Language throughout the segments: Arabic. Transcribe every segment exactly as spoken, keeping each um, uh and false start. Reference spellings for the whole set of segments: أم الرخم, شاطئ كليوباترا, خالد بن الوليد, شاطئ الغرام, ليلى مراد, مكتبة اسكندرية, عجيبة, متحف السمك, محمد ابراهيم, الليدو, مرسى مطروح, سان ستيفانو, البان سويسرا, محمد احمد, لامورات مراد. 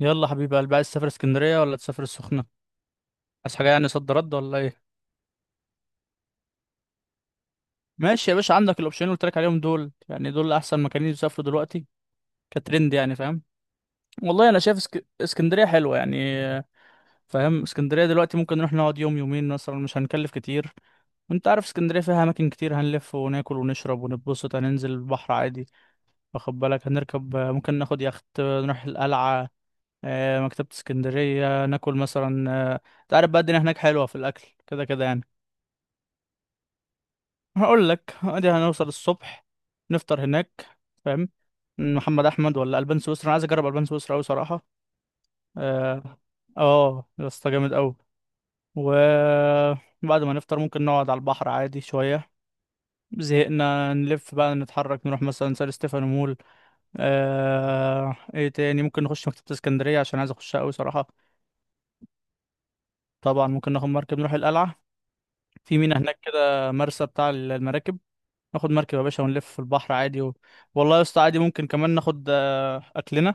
يلا حبيبي قلبي، عايز تسافر اسكندريه ولا تسافر السخنه؟ عايز حاجه يعني صد رد ولا ايه؟ ماشي يا باشا، عندك الاوبشنين اللي قلت لك عليهم دول، يعني دول احسن مكانين يسافروا دلوقتي كترند، يعني فاهم. والله انا شايف اسك... اسكندريه حلوه يعني. فاهم اسكندريه دلوقتي ممكن نروح نقعد يوم يومين مثلا، مش هنكلف كتير. وانت عارف اسكندريه فيها اماكن كتير، هنلف وناكل ونشرب ونتبسط، هننزل البحر عادي. واخد بالك؟ هنركب، ممكن ناخد يخت نروح القلعه، آه، مكتبه اسكندريه، ناكل مثلا، آه، انت عارف بقى الدنيا هناك حلوه في الاكل كده كده يعني. هقول لك ادي، هنوصل الصبح نفطر هناك، فاهم؟ محمد احمد ولا البان سويسرا؟ انا عايز اجرب البان سويسرا قوي صراحه. اه اه يا اسطى جامد قوي. وبعد ما نفطر ممكن نقعد على البحر عادي شويه، زهقنا نلف بقى نتحرك نروح مثلا سان ستيفانو مول. آه... ايه تاني؟ ممكن نخش مكتبة اسكندرية عشان عايز اخشها قوي صراحة. طبعا ممكن ناخد مركب نروح القلعة، في مينا هناك كده، مرسى بتاع المراكب. ناخد مركب يا باشا ونلف في البحر عادي و... والله يا اسطى عادي، ممكن كمان ناخد آه، اكلنا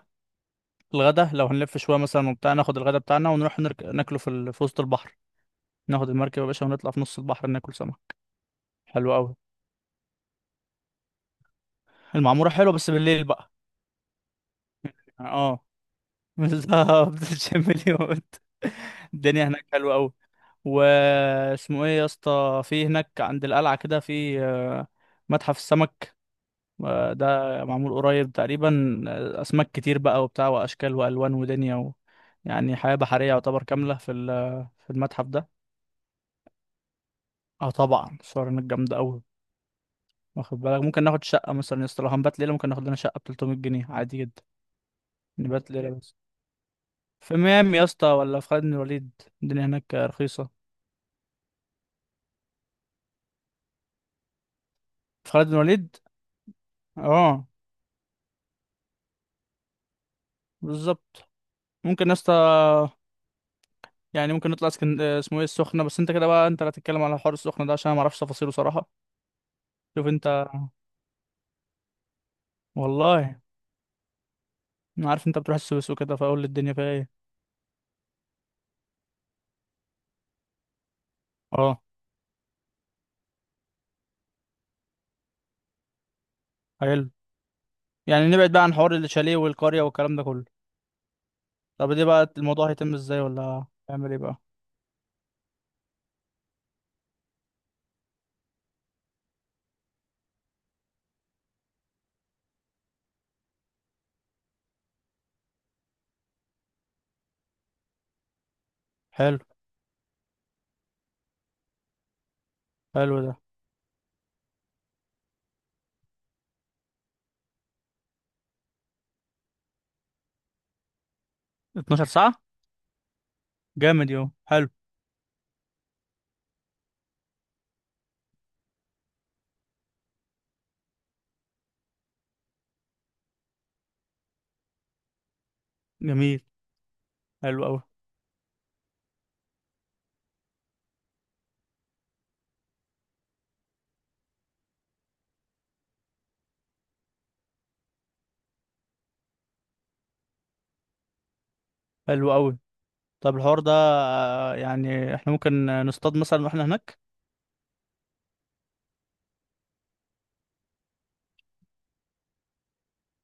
الغدا لو هنلف شويه مثلا وبتاع، ناخد الغدا بتاعنا ونروح نرك... ناكله في ال... في وسط البحر. ناخد المركب يا باشا ونطلع في نص البحر ناكل سمك. حلو قوي. المعموره حلوه بس بالليل بقى. اه، بالظبط تشم اليود. الدنيا هناك حلوه قوي. واسمه ايه يا اسطى في هناك عند القلعه كده؟ في آه، متحف السمك، آه، ده معمول قريب تقريبا، آه، اسماك كتير بقى وبتاع واشكال والوان ودنيا و... يعني حياه بحريه يعتبر كامله في ال- في المتحف ده. اه طبعا الصور هناك جامده قوي. واخد بالك ممكن ناخد شقه مثلا يا اسطى؟ لو هنبات ليله ممكن ناخد لنا شقه ب ثلاثمية جنيه عادي جدا. نبات ليله بس. في ميامي يا اسطى ولا في خالد بن الوليد؟ الدنيا هناك رخيصه. في خالد بن الوليد. اه، بالظبط. ممكن يا اسطى، يعني ممكن نطلع اسكن آه، اسمه ايه، السخنه، بس انت كده بقى، انت لا تتكلم على حوار السخنه ده عشان انا ما اعرفش تفاصيله صراحه. شوف انت. والله انا عارف انت بتروح السويس وكده، فاقول الدنيا فيها ايه. اه، حلو. يعني نبعد بقى عن حوار الشاليه والقرية والكلام ده كله. طب دي بقى الموضوع هيتم ازاي ولا هيعمل ايه بقى؟ حلو. حلو ده. اتناشر ساعة، جامد، يوم حلو. جميل. حلو قوي. حلو قوي. طب الحوار ده، آه، يعني احنا ممكن نصطاد مثلا واحنا هناك؟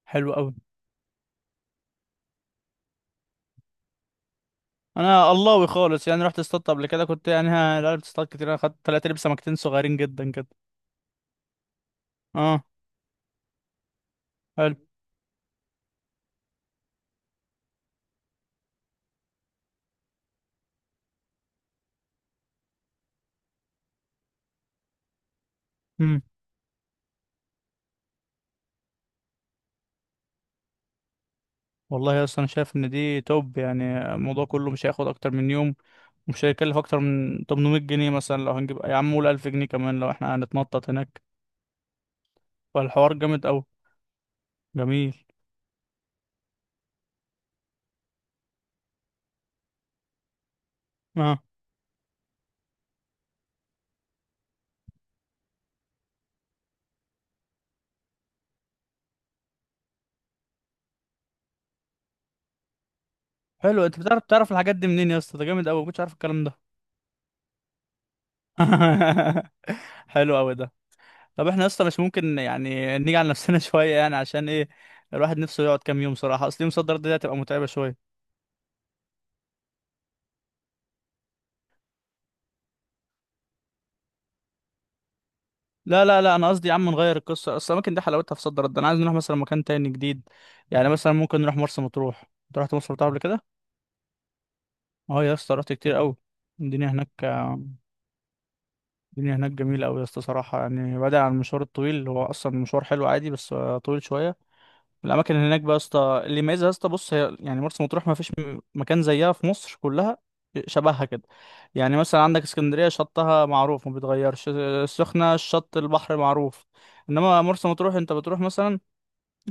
حلو قوي. انا اللهوي خالص يعني، رحت اصطادت قبل كده، كنت يعني ها- لا بتصطاد كتير، انا خدت طلعت لي بسمكتين صغيرين جدا كده. اه. حلو. والله اصلا انا شايف ان دي توب، يعني الموضوع كله مش هياخد اكتر من يوم، ومش هيكلف اكتر من تمنمية جنيه مثلا، لو هنجيب يا عم قول ألف جنيه كمان لو احنا هنتنطط هناك. فالحوار جامد قوي. جميل. اه، حلو. انت بتعرف تعرف الحاجات دي منين يا اسطى؟ ده جامد قوي، ما كنتش عارف الكلام ده. حلو قوي ده. طب احنا اصلا مش ممكن يعني نيجي على نفسنا شويه يعني عشان ايه؟ الواحد نفسه يقعد كام يوم صراحه، اصل يوم صدر دي هتبقى متعبه شويه. لا لا لا، انا قصدي يا عم نغير القصه، اصل الاماكن دي حلاوتها في صد رد. انا عايز نروح مثلا مكان تاني جديد. يعني مثلا ممكن نروح مرسى مطروح. انت رحت مرسى مطروح قبل كده؟ اه يا اسطى، رحت كتير قوي. الدنيا هناك، الدنيا هناك جميله قوي يا اسطى صراحه، يعني بعيد عن المشوار الطويل، هو اصلا مشوار حلو عادي بس آه، طويل شويه. الاماكن هناك بقى يا اسطى اللي يميزها يا اسطى، بص، هي يعني مرسى مطروح ما فيش م- مكان زيها في مصر كلها، شبهها كده. يعني مثلا عندك اسكندريه شطها معروف ما بيتغيرش، السخنه الشط البحر معروف، انما مرسى مطروح انت بتروح مثلا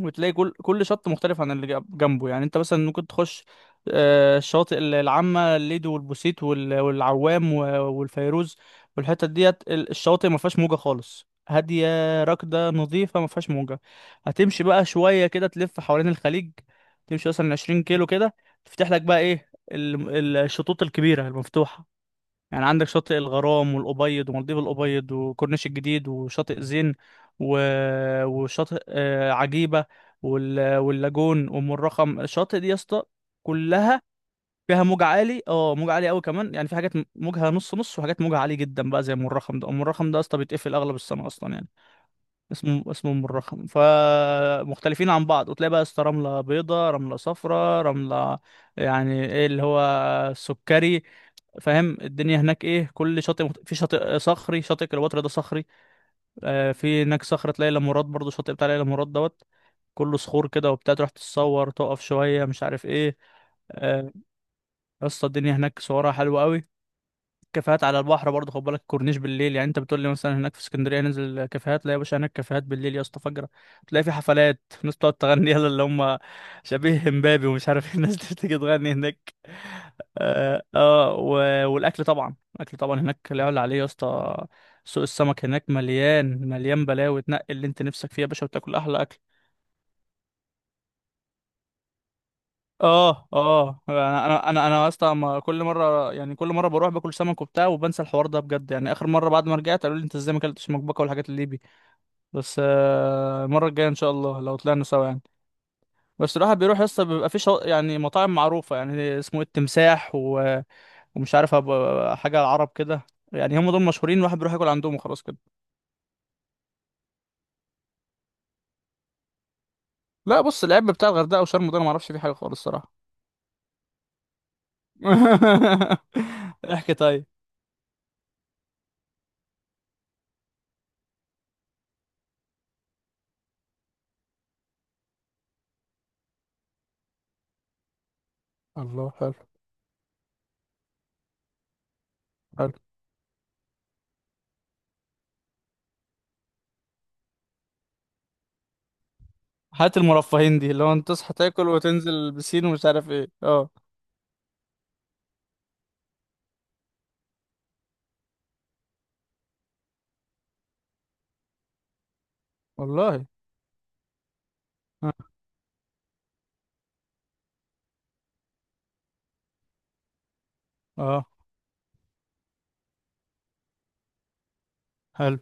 وتلاقي كل كل شط مختلف عن اللي جنب- جنبه. يعني انت مثلا ممكن تخش آه، الشواطئ ال- العامة، الليدو والبوسيت وال- والعوام و- والفيروز والحتت ديت ال- الشواطئ ما فيهاش موجة خالص، هادية راكدة نظيفة ما فيهاش موجة. هتمشي بقى شوية كده تلف حوالين الخليج، تمشي مثلا عشرين كيلو كده، تفتح لك بقى ايه ال- ال- الشطوط الكبيرة المفتوحة. يعني عندك شاطئ الغرام والأبيض ومالديف الأبيض وكورنيش الجديد وشاطئ زين و... وشاطئ آه، عجيبة وال... واللاجون وأم الرخم. الشاطئ دي يا اسطى كلها فيها موج عالي، اه موج عالي قوي كمان، يعني في حاجات موجها نص نص وحاجات موجها عالي جدا بقى زي أم الرخم ده. أم الرخم ده يا اسطى بيتقفل أغلب السنة أصلا، يعني اسمه اسمه ام الرخم، فمختلفين عن بعض. وتلاقي بقى اسطى رملة بيضة، رملة صفراء، رملة يعني ايه، اللي هو سكري. فاهم الدنيا هناك ايه؟ كل شاطئ مخت... في شاطئ صخري، شاطئ كليوباترا ده صخري. آه في هناك صخرة، تلاقي لامورات مراد برضه، شاطئ بتاع ليلى مراد دوت، كله صخور كده وبتاع، تروح تتصور تقف شوية مش عارف ايه. آه، يا اسطى الدنيا هناك صورها حلوة قوي. كافيهات على البحر برضه خد بالك، كورنيش بالليل. يعني انت بتقول لي مثلا هناك في اسكندريه ننزل كافيهات، لا يا باشا، هناك كافيهات بالليل يا اسطى فجره. تلاقي في حفلات، ناس بتقعد تغني يلا اللي هم شبيه امبابي ومش عارف ايه، الناس دي بتيجي تغني هناك. اه، آه و- والاكل طبعا، الاكل طبعا هناك لا يعلى عليه يا اسطى. سوق السمك هناك مليان، مليان بلاوي، تنقي اللي انت نفسك فيه يا باشا وتاكل احلى اكل. اه اه، انا انا انا انا اصلا ما- كل مره يعني، كل مره بروح باكل سمك وبتاع وبنسى الحوار ده بجد يعني. اخر مره بعد ما رجعت قالوا لي انت ازاي ما اكلتش مكبكه والحاجات اللي بي، بس آه، المره الجايه ان شاء الله لو طلعنا سوا يعني. بس الواحد بيروح يسطا بيبقى في شو... يعني مطاعم معروفه، يعني اسمه إيه، التمساح و... ومش عارف أبقى حاجه العرب كده، يعني هم دول مشهورين، الواحد بيروح ياكل عندهم وخلاص كده. لا بص، العيب بتاع الغردقه وشرم ده انا ما اعرفش فيه حاجه خالص الصراحه. احكي طيب. الله، حلو. حلو. حياة المرفهين دي اللي هو انت تصحى تاكل وتنزل البسين ومش عارف ايه، اه. والله. اه، آه. حلو.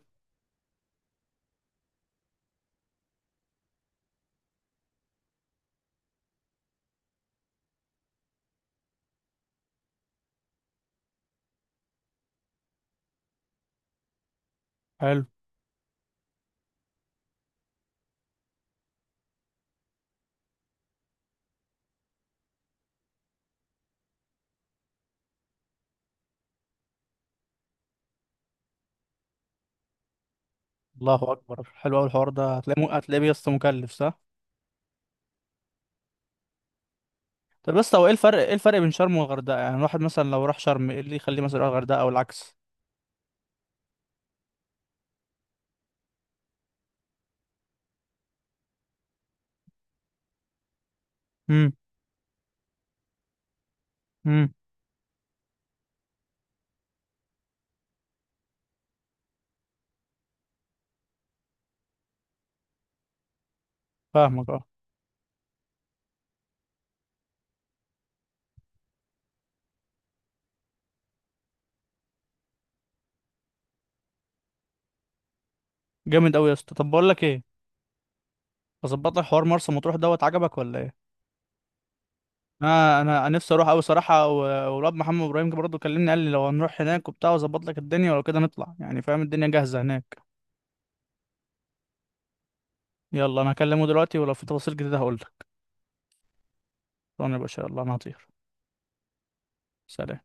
حلو. الله اكبر، حلو قوي الحوار ده، هتلاقيه هتلاقيه بس مكلف، صح؟ طب بس هو ايه الفرق، ايه الفرق بين شرم والغردقة؟ يعني الواحد مثلا لو راح شرم ايه اللي يخليه مثلا يروح الغردقة او العكس؟ امم. امم. فاهمك، اه. جامد قوي يا اسطى. طب بقول لك ايه، اظبط لك حوار مرسى مطروح دوت، عجبك ولا ايه؟ انا انا أنا نفسي اروح قوي صراحه و- والواد محمد ابراهيم برضه كلمني، قال لي لو هنروح هناك وبتاع واظبط لك الدنيا، ولو كده نطلع يعني، فاهم، الدنيا جاهزه هناك. يلا، انا هكلمه دلوقتي ولو في تفاصيل جديدة هقولك. طبعا يا باشا، يلا انا هطير. سلام.